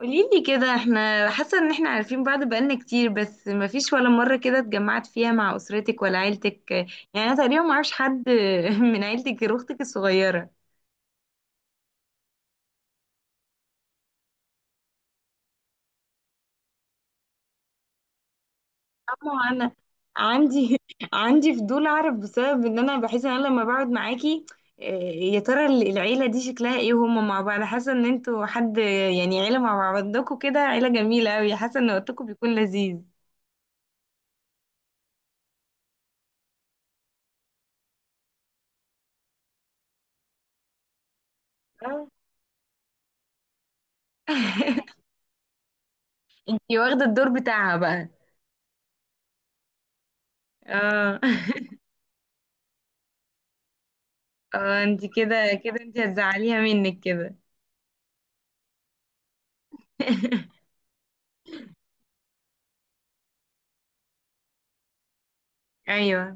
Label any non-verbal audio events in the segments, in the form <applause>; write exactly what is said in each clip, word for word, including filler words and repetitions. قوليلي كده، احنا حاسة ان احنا عارفين بعض بقالنا كتير، بس مفيش ولا مرة كده اتجمعت فيها مع اسرتك ولا عيلتك. يعني انا تقريبا ما اعرفش حد <laughs> من عيلتك غير اختك الصغيرة. اما انا عندي <laughs> عندي فضول اعرف، بسبب ان انا بحس ان انا لما بقعد معاكي اه، يا ترى العيلة دي شكلها ايه؟ وهما مع بعض، حاسة ان انتوا حد يعني عيلة. مع بعضكوا كده عيلة جميلة اوي، حاسة ان وقتكم بيكون لذيذ. اه. <laughs> انتي واخدة الدور بتاعها بقى. اه. اه انت كده كده، انت هتزعليها منك كده. <laughs> ايوه.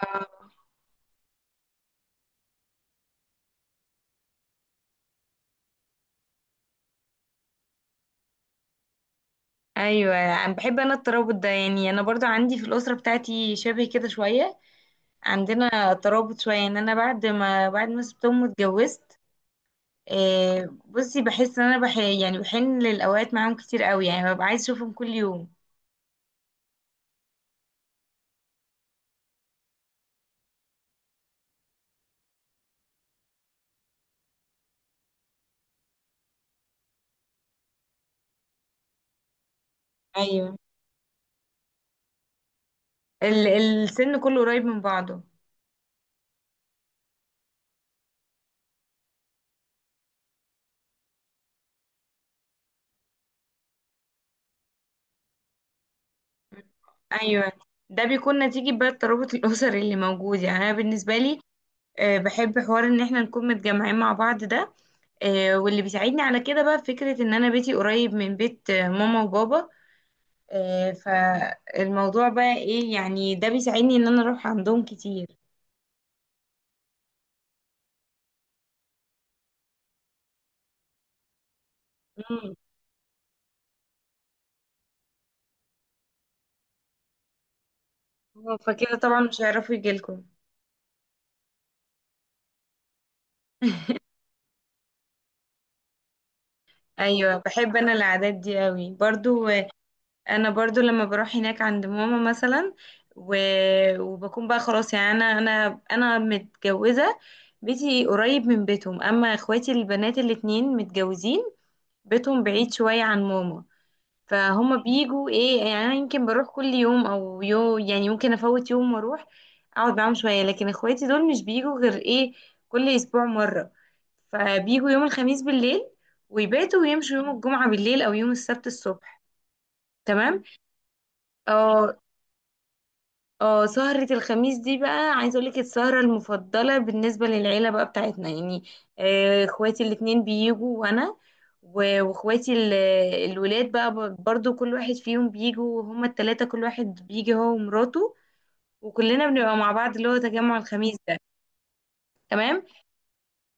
اه. ايوه، انا بحب انا الترابط ده، يعني انا برضو عندي في الاسره بتاعتي شبه كده شويه. عندنا ترابط شويه، ان انا بعد ما بعد ما سبتهم واتجوزت. آه، بصي، بحس ان انا بح يعني بحن للاوقات معاهم كتير قوي، يعني ببقى عايز اشوفهم كل يوم. ايوه، ال السن كله قريب من بعضه. ايوه، ده بيكون نتيجة بقى الترابط الاسري اللي موجود. يعني انا بالنسبه لي آه، بحب حوار ان احنا نكون متجمعين مع بعض ده. آه، واللي بيساعدني على كده بقى فكرة ان انا بيتي قريب من بيت آه، ماما وبابا. آه، فالموضوع بقى ايه؟ يعني ده بيساعدني ان انا اروح عندهم كتير. مم. هو فكده طبعا مش هيعرفوا يجيلكم. ايوه، بحب انا العادات دي قوي برضو. آه، انا برضو لما بروح هناك عند ماما مثلا و... وبكون بقى خلاص، يعني انا انا انا متجوزة، بيتي قريب من بيتهم. اما اخواتي البنات الاتنين متجوزين، بيتهم بعيد شوية عن ماما. فهم بيجوا ايه، يعني انا يمكن بروح كل يوم او يوم، يعني ممكن افوت يوم واروح اقعد معاهم شوية. لكن اخواتي دول مش بيجوا غير ايه، كل اسبوع مرة. فبيجوا يوم الخميس بالليل، ويباتوا، ويمشوا يوم الجمعة بالليل او يوم السبت الصبح. تمام. اه. اه، سهرة الخميس دي بقى عايزة اقولك، السهرة المفضلة بالنسبة للعيلة بقى بتاعتنا. يعني آه، اخواتي الاتنين بيجوا، وانا و- واخواتي ال- الولاد بقى ب- برضو كل واحد فيهم بيجوا. هما التلاتة كل واحد بيجي هو ومراته، وكلنا بنبقى مع بعض، اللي هو تجمع الخميس ده. تمام.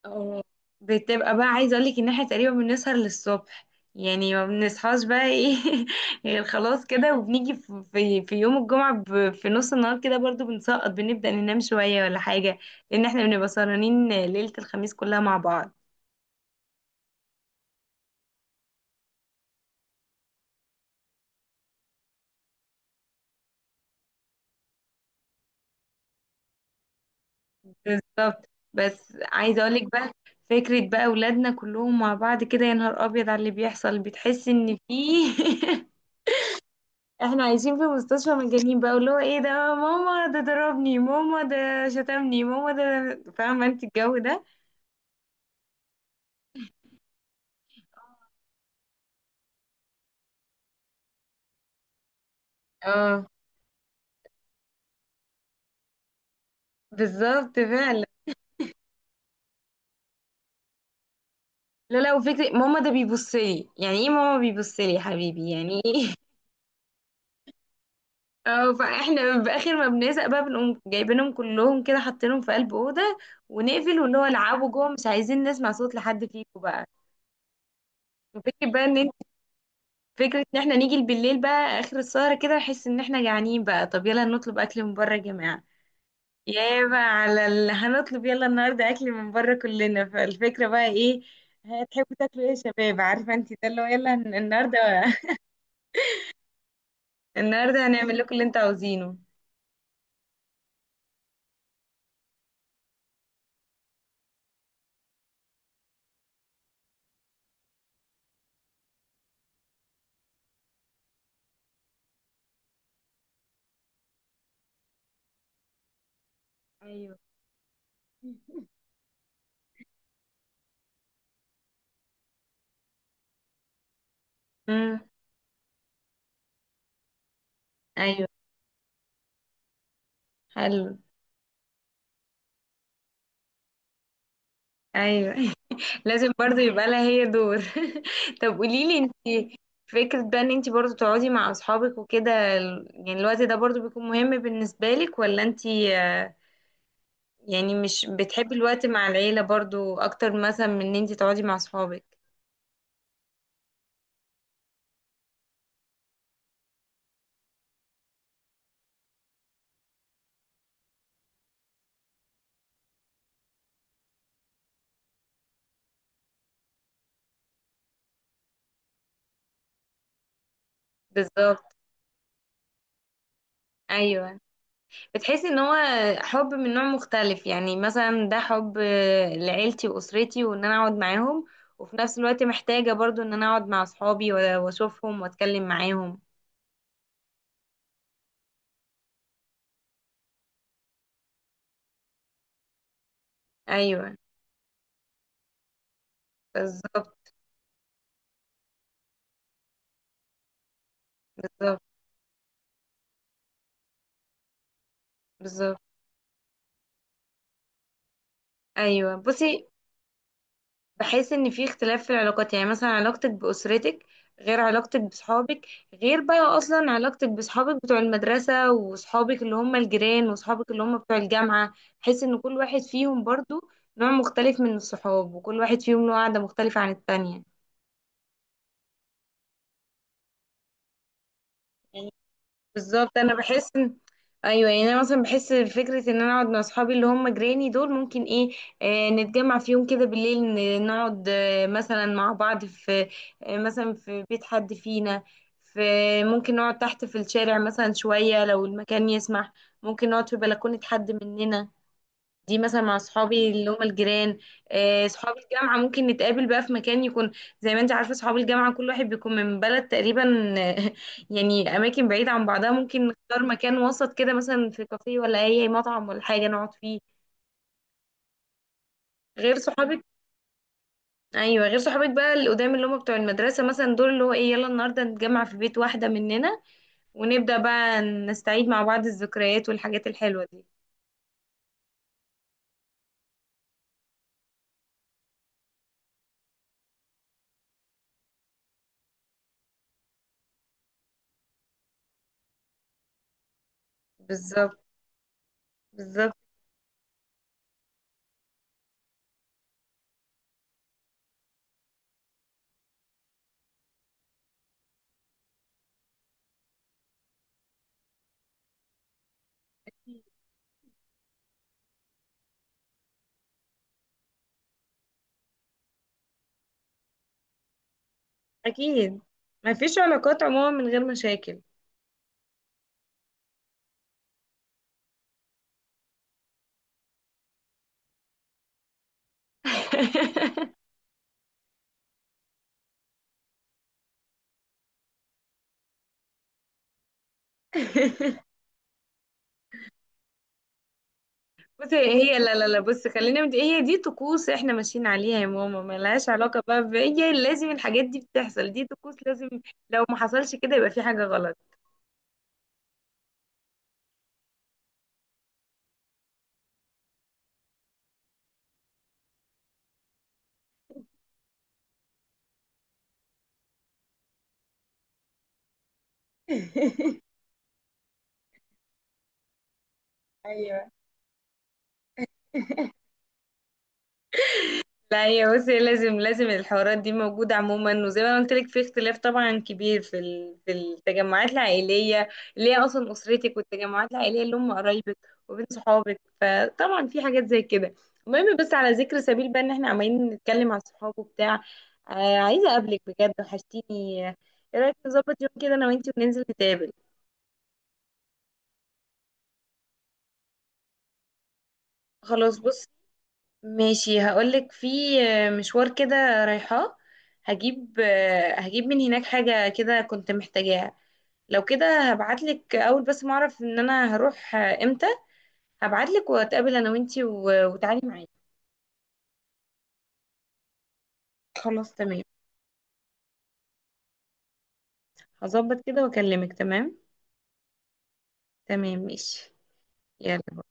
اه، بتبقى بقى عايزه اقول لك ان احنا تقريبا بنسهر للصبح. يعني ما بنصحاش بقى ايه <laughs> غير خلاص كده، وبنيجي في في في يوم الجمعه ب- في نص النهار كده برضو بنسقط، بنبدا ننام شويه ولا حاجه. لان احنا بنبقى سهرانين ليله الخميس كلها مع بعض. بالظبط، بس عايزه اقول لك بقى، فكره بقى اولادنا كلهم مع بعض كده. يا نهار ابيض على اللي بيحصل، بتحس ان في <laughs> احنا عايشين في مستشفى مجانين بقى، اللي هو ايه، ده ماما ده ضربني، ماما ده شتمني، ماما ده، فاهمه انت الجو ده. اه بالظبط فعلا. لا لا، وفكرة ماما ده بيبص لي يعني ايه؟ ماما بيبص لي يا حبيبي يعني ايه؟ <laughs> اه، فاحنا باخر ما بنزق بقى، بنقوم جايبينهم كلهم كده، حاطينهم في قلب اوضه ونقفل، واللي هو العبوا جوه، مش عايزين نسمع صوت لحد فيكم بقى. فكرة بقى ان انت، فكرة ان احنا نيجي بالليل بقى اخر السهرة كده، نحس ان احنا جعانين بقى، طب يلا نطلب اكل من بره يا جماعة. يابا على اللي هنطلب، يلا النهارده اكل من بره كلنا، فالفكره بقى ايه؟ هتحبوا تاكلوا ايه يا شباب؟ عارفه انت ده اللي هو يلا هن- النهارده <laughs> النهارده هنعمل لكم اللي انتوا عاوزينه. ايوه. امم. ايوه. حلو. ايوه. <laughs> لازم برضه يبقى لها هي دور. <laughs> طب قولي لي انت، فكره بقى ان انت برضه تقعدي مع اصحابك وكده ال- يعني الوقت ده برضه بيكون مهم بالنسبه لك، ولا انت يعني مش بتحبي الوقت مع العيلة برضو اكتر، مثلا من ان انتي تقعدي مع صحابك؟ بالظبط. ايوه. بتحسي ان هو حب من نوع مختلف، يعني مثلا ده حب آه، لعيلتي واسرتي وان انا اقعد معاهم، وفي نفس الوقت محتاجة برضو ان انا اقعد مع صحابي و- واشوفهم واتكلم معاهم. ايوه. بالظبط. بالظبط. بالظبط. ايوه، بصي، بحس ان في اختلاف في العلاقات، يعني مثلا علاقتك باسرتك غير علاقتك بصحابك، غير بقى اصلا علاقتك بصحابك بتوع المدرسة، وصحابك اللي هم الجيران، وصحابك اللي هم بتوع الجامعة. بحس ان كل واحد فيهم برضو نوع مختلف من الصحاب، وكل واحد فيهم له قعدة مختلفة عن التانية. بالظبط، انا بحس ان ايوه، يعني انا مثلا بحس فكره ان انا اقعد مع اصحابي اللي هم جيراني دول، ممكن ايه آه نتجمع في يوم كده بالليل، ن- نقعد آه مثلا مع بعض في آه مثلا في بيت حد فينا، في، ممكن نقعد تحت في الشارع مثلا شويه لو المكان يسمح، ممكن نقعد في بلكونه حد مننا. دي مثلا مع صحابي اللي هم الجيران. آه، صحاب الجامعة ممكن نتقابل بقى في مكان يكون، زي ما انت عارفة صحاب الجامعة كل واحد بيكون من بلد تقريبا. آه، <laughs> يعني أماكن بعيدة عن بعضها، ممكن نختار مكان وسط كده، مثلا في كافيه ولا أي مطعم ولا حاجة نقعد فيه. غير صحابك. أيوة، غير صحابك بقى اللي قدام، اللي هم بتوع المدرسة مثلا، دول اللي هو إيه، يلا النهاردة نتجمع في بيت واحدة مننا، ونبدأ بقى نستعيد مع بعض الذكريات والحاجات الحلوة دي. بالظبط. بالظبط. أكيد، مفيش علاقات عموما من غير مشاكل. <laughs> بصي، هي لا لا لا، بص، خلينا مت... هي دي طقوس احنا ماشيين عليها يا ماما، ملهاش علاقة بقى ب- هي لازم الحاجات دي بتحصل، دي طقوس لازم. لو ما حصلش كده يبقى في حاجة غلط. <laughs> ايوه، لا هي بصي لازم لازم الحوارات دي موجودة عموما، وزي ما أنا قلت لك، في اختلاف طبعا كبير في ال- في التجمعات العائلية اللي هي أصلا أسرتك، والتجمعات العائلية اللي هم قرايبك، وبين صحابك. فطبعا في حاجات زي كده. المهم، بس على ذكر سبيل بقى إن احنا عمالين نتكلم عن الصحاب وبتاع، آه عايزة أقابلك بجد، وحشتيني. إيه رأيك نظبط يوم كده أنا وأنتي وننزل نتقابل؟ خلاص، بص، ماشي، هقولك في مشوار كده رايحاه، هجيب، هجيب من هناك حاجة كده كنت محتاجاها، لو كده هبعتلك أول بس ما أعرف إن أنا هروح إمتى، هبعتلك وأتقابل أنا وإنتي و- وتعالي معايا. خلاص، تمام. هظبط كده وأكلمك. تمام. تمام، ماشي. يلا.